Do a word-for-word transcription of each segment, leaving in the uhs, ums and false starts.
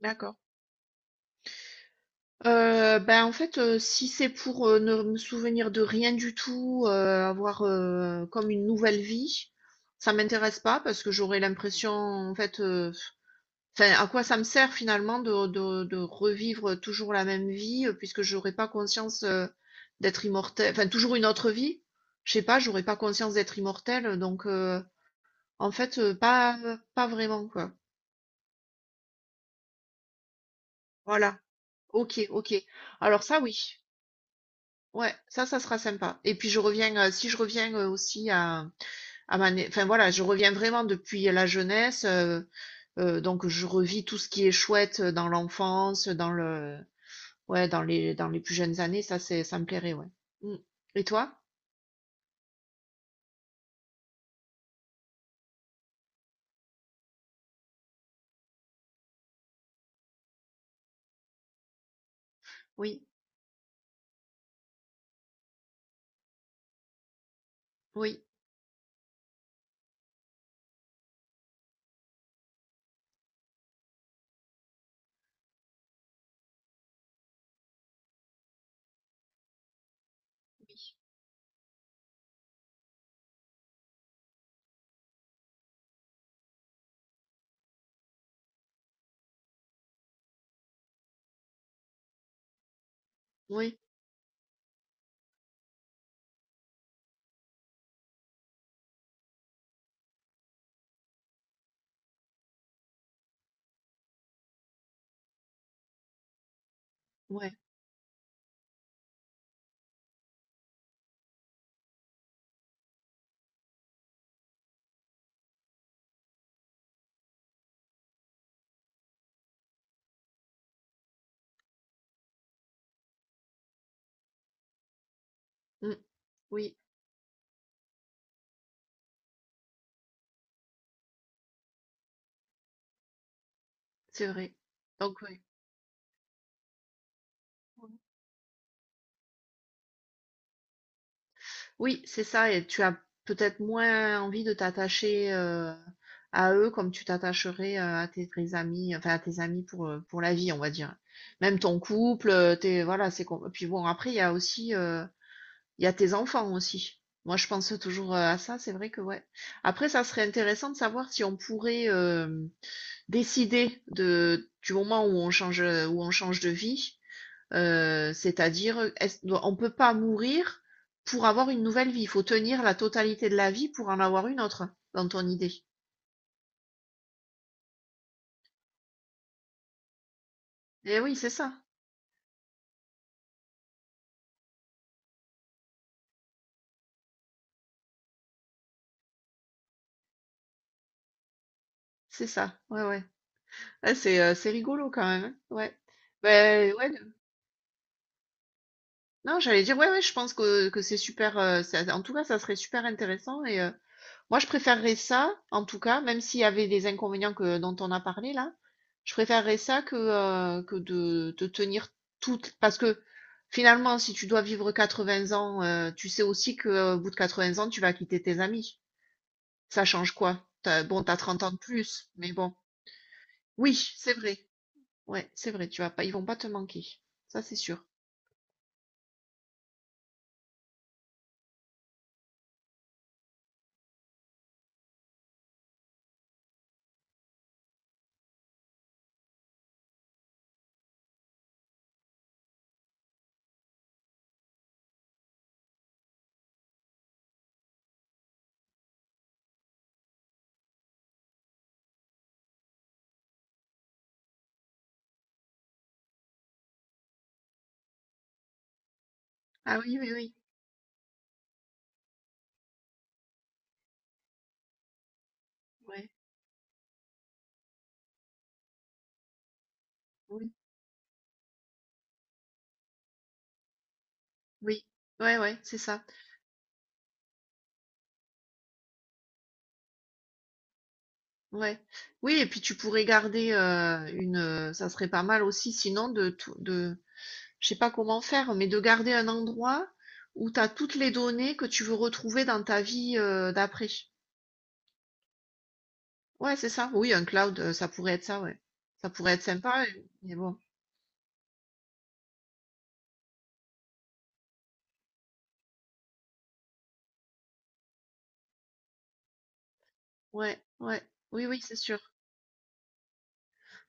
D'accord. Heu, bah, en fait, heu, si c'est pour, heu, ne me souvenir de rien du tout, heu, avoir, heu, comme une nouvelle vie, ça m'intéresse pas parce que j'aurais l'impression, en fait, heu, enfin, à quoi ça me sert finalement de de de revivre toujours la même vie, heu, puisque j'aurais pas conscience, heu, d'être immortel, enfin, toujours une autre vie? Je sais pas, j'aurais pas conscience d'être immortel, donc heu, en fait, heu, pas pas vraiment, quoi. Voilà. OK, OK. Alors ça, oui. Ouais, ça, ça sera sympa. Et puis je reviens, euh, si je reviens euh, aussi à, à ma, né- enfin voilà, je reviens vraiment depuis la jeunesse, euh, euh, donc je revis tout ce qui est chouette, euh, dans l'enfance, dans le, ouais, dans les, dans les plus jeunes années. Ça c'est, ça me plairait, ouais. Mm. Et toi? Oui, oui, oui, ouais, mm, oui, c'est vrai. Donc ouais. Oui, c'est ça, et tu as peut-être moins envie de t'attacher, euh, à eux comme tu t'attacherais, euh, à tes vrais amis, enfin à tes amis pour, euh, pour la vie, on va dire. Même ton couple, euh, t'es, voilà, c'est com- puis bon, après, il y a aussi, euh, il y a tes enfants aussi. Moi, je pense toujours, euh, à ça, c'est vrai que ouais. Après, ça serait intéressant de savoir si on pourrait, euh, décider de, du moment où on change, où on change, de vie. Heu, c'est-à-dire, est-ce do on ne peut pas mourir pour avoir une nouvelle vie. Il faut tenir la totalité de la vie pour en avoir une autre, dans ton idée. Et oui, c'est ça, c'est ça. Ouais, ouais. Ouais, c'est, heu, c'est rigolo quand même, hein. Ouais. Ben ouais, non, j'allais dire, ouais, ouais, je pense que que c'est super, heu, ça, en tout cas, ça serait super intéressant. et heu Moi, je préférerais ça, en tout cas, même s'il y avait des inconvénients, que, dont on a parlé là. Je préférerais ça que, euh, que de de tenir toutes. Parce que finalement, si tu dois vivre quatre-vingts ans, euh, tu sais aussi que, euh, au bout de quatre-vingts ans, tu vas quitter tes amis. Ça change quoi? T'as, bon, t'as trente ans de plus, mais bon. Oui, c'est vrai. Ouais, c'est vrai, tu vas pas, ils vont pas te manquer. Ça, c'est sûr. Ah oui, oui, oui. Ouais, oui, oui. Ouais, ouais, c'est ça. Ouais. Oui, et puis tu pourrais garder, euh, une. euh, Ça serait pas mal aussi, sinon de tout, de. Je sais pas comment faire, mais de garder un endroit où tu as toutes les données que tu veux retrouver dans ta vie, euh, d'après. Ouais, c'est ça. Oui, un cloud, euh, ça pourrait être ça, ouais. Ça pourrait être sympa, euh, mais bon. Ouais, ouais. Oui, oui, c'est sûr.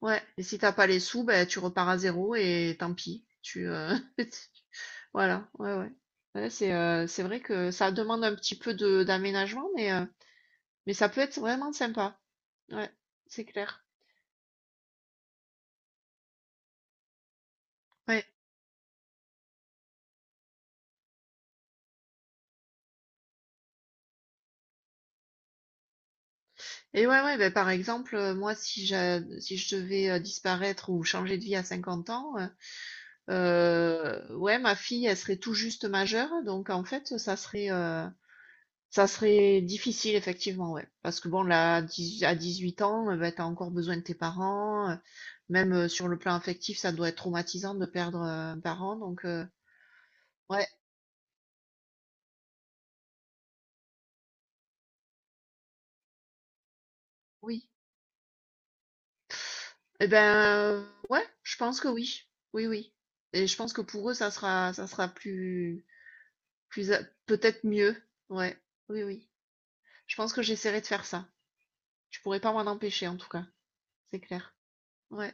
Ouais. Et si t'as pas les sous, ben tu repars à zéro et tant pis. Tu. euh, Voilà. Ouais, ouais. Ouais, c'est euh, c'est vrai que ça demande un petit peu de d'aménagement, mais. euh, Mais ça peut être vraiment sympa. Ouais, c'est clair. Ouais. Et ouais, ouais, ben, par exemple, euh, moi, si j'a- si je devais, euh, disparaître ou changer de vie à cinquante ans, euh, euh, ouais, ma fille, elle serait tout juste majeure. Donc, en fait, ça serait, euh, ça serait difficile, effectivement, ouais. Parce que bon, là, à dix-huit à dix-huit ans, euh, ben, t'as encore besoin de tes parents. euh, Même, euh, sur le plan affectif, ça doit être traumatisant de perdre, euh, un parent. Donc, euh, ouais, oui. Eh ben, euh, ouais, je pense que oui. Oui, oui. Et je pense que pour eux, ça sera, ça sera plus, plus, a- peut-être mieux. Ouais, oui, oui. Je pense que j'essaierai de faire ça. Je pourrais pas m'en empêcher, en tout cas. C'est clair. Ouais.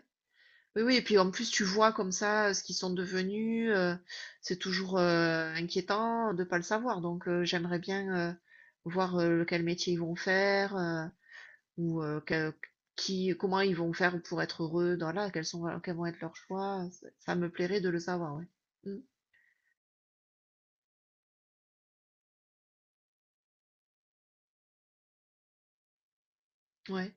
Oui, oui. Et puis en plus, tu vois comme ça, euh, ce qu'ils sont devenus. Euh, c'est toujours, euh, inquiétant de pas le savoir. Donc, euh, j'aimerais bien, euh, voir, euh, lequel métier ils vont faire. Euh, ou, euh, que- qui, comment ils vont faire pour être heureux dans là, quels sont, voilà, quels vont être leurs choix. Ça ça me plairait de le savoir, ouais. Mm, ouais,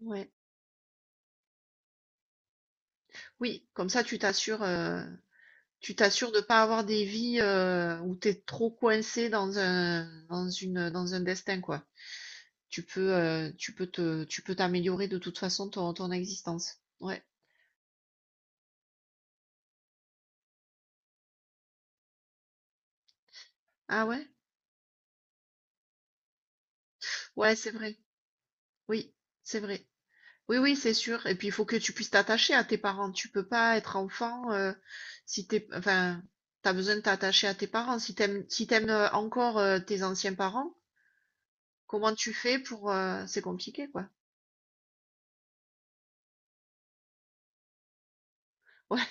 ouais. Oui, comme ça, tu t'assures, euh, tu t'assures de pas avoir des vies, euh, où t'es trop coincé dans un, dans une, dans un destin, quoi. Tu peux, euh, tu peux te, tu peux t'améliorer de toute façon ton, ton existence. Ouais. Ah ouais? Ouais, c'est vrai. Oui, c'est vrai. Oui, oui, c'est sûr. Et puis, il faut que tu puisses t'attacher à tes parents. Tu peux pas être enfant, euh, si t'es, enfin, t'as besoin de t'attacher à tes parents. Si t'aimes, si t'aimes euh, encore euh, tes anciens parents, comment tu fais pour, euh, c'est compliqué, quoi. Ouais,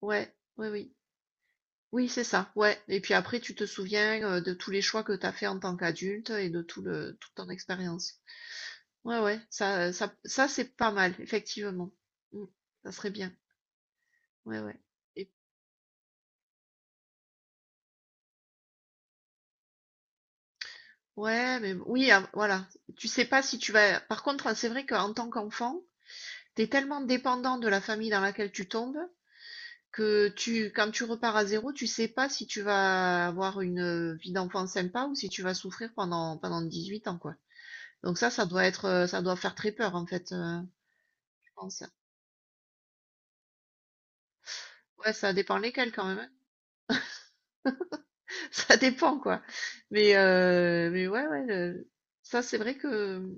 ouais, oui, oui, oui, c'est ça. Ouais. Et puis après, tu te souviens, euh, de tous les choix que t'as fait en tant qu'adulte et de tout le, toute ton expérience. Ouais, ouais. Ça, ça, ça, c'est pas mal, effectivement. Mm. Ça serait bien. Ouais, ouais. Ouais, mais b oui, av voilà. Tu sais pas si tu vas par contre, heu, c'est vrai qu'en tant qu'enfant, t'es tellement dépendant de la famille dans laquelle tu tombes que tu quand tu repars à zéro, tu sais pas si tu vas avoir une, heu, vie d'enfant sympa ou si tu vas souffrir pendant pendant dix-huit ans, quoi. Donc ça, ça doit être, heu, ça doit faire très peur, en fait, heu, je pense. Ouais, ça dépend lesquels quand même, hein. Ça dépend, quoi. Mais heu, mais ouais, ouais, le ça, c'est vrai que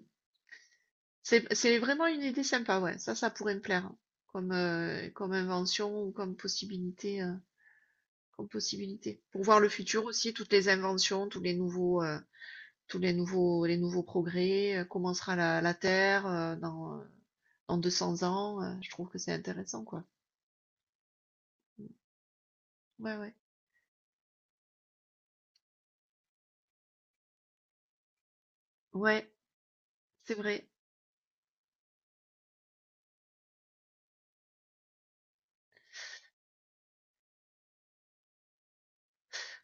C'est, c'est vraiment une idée sympa, ouais. Ça, ça pourrait me plaire hein, comme, euh, comme invention ou comme possibilité, euh, comme possibilité. Pour voir le futur aussi, toutes les inventions, tous les nouveaux, euh, tous les nouveaux, les nouveaux progrès, euh, comment sera la, la Terre, euh, dans, euh, dans deux cents ans. Euh, je trouve que c'est intéressant, quoi. Ouais, ouais. Ouais, c'est vrai.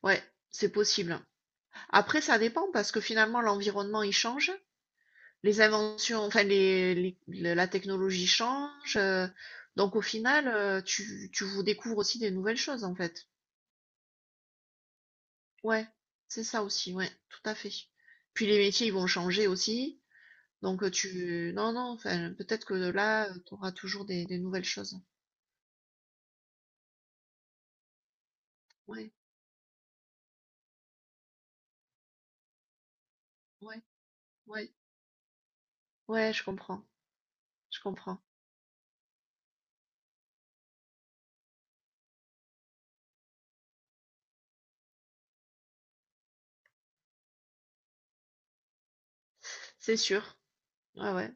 Ouais, c'est possible. Après, ça dépend parce que finalement, l'environnement, il change. Les inventions, enfin les, les- le- la technologie change. Euh, donc au final, euh, tu, tu vous découvres aussi des nouvelles choses en fait. Ouais, c'est ça aussi, ouais, tout à fait. Puis les métiers, ils vont changer aussi. Donc, euh, tu... non, non, enfin, peut-être que là, tu auras toujours des, des nouvelles choses. Ouais, ouais, ouais. Ouais, je comprends, je comprends. C'est sûr. Ouais, ouais,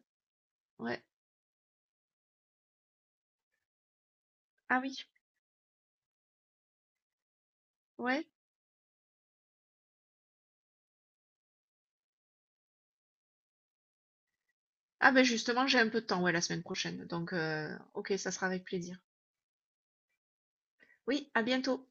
ouais. Ah oui, ouais. Ah ben justement, j'ai un peu de temps, ouais, la semaine prochaine. Donc, euh, ok, ça sera avec plaisir. Oui, à bientôt.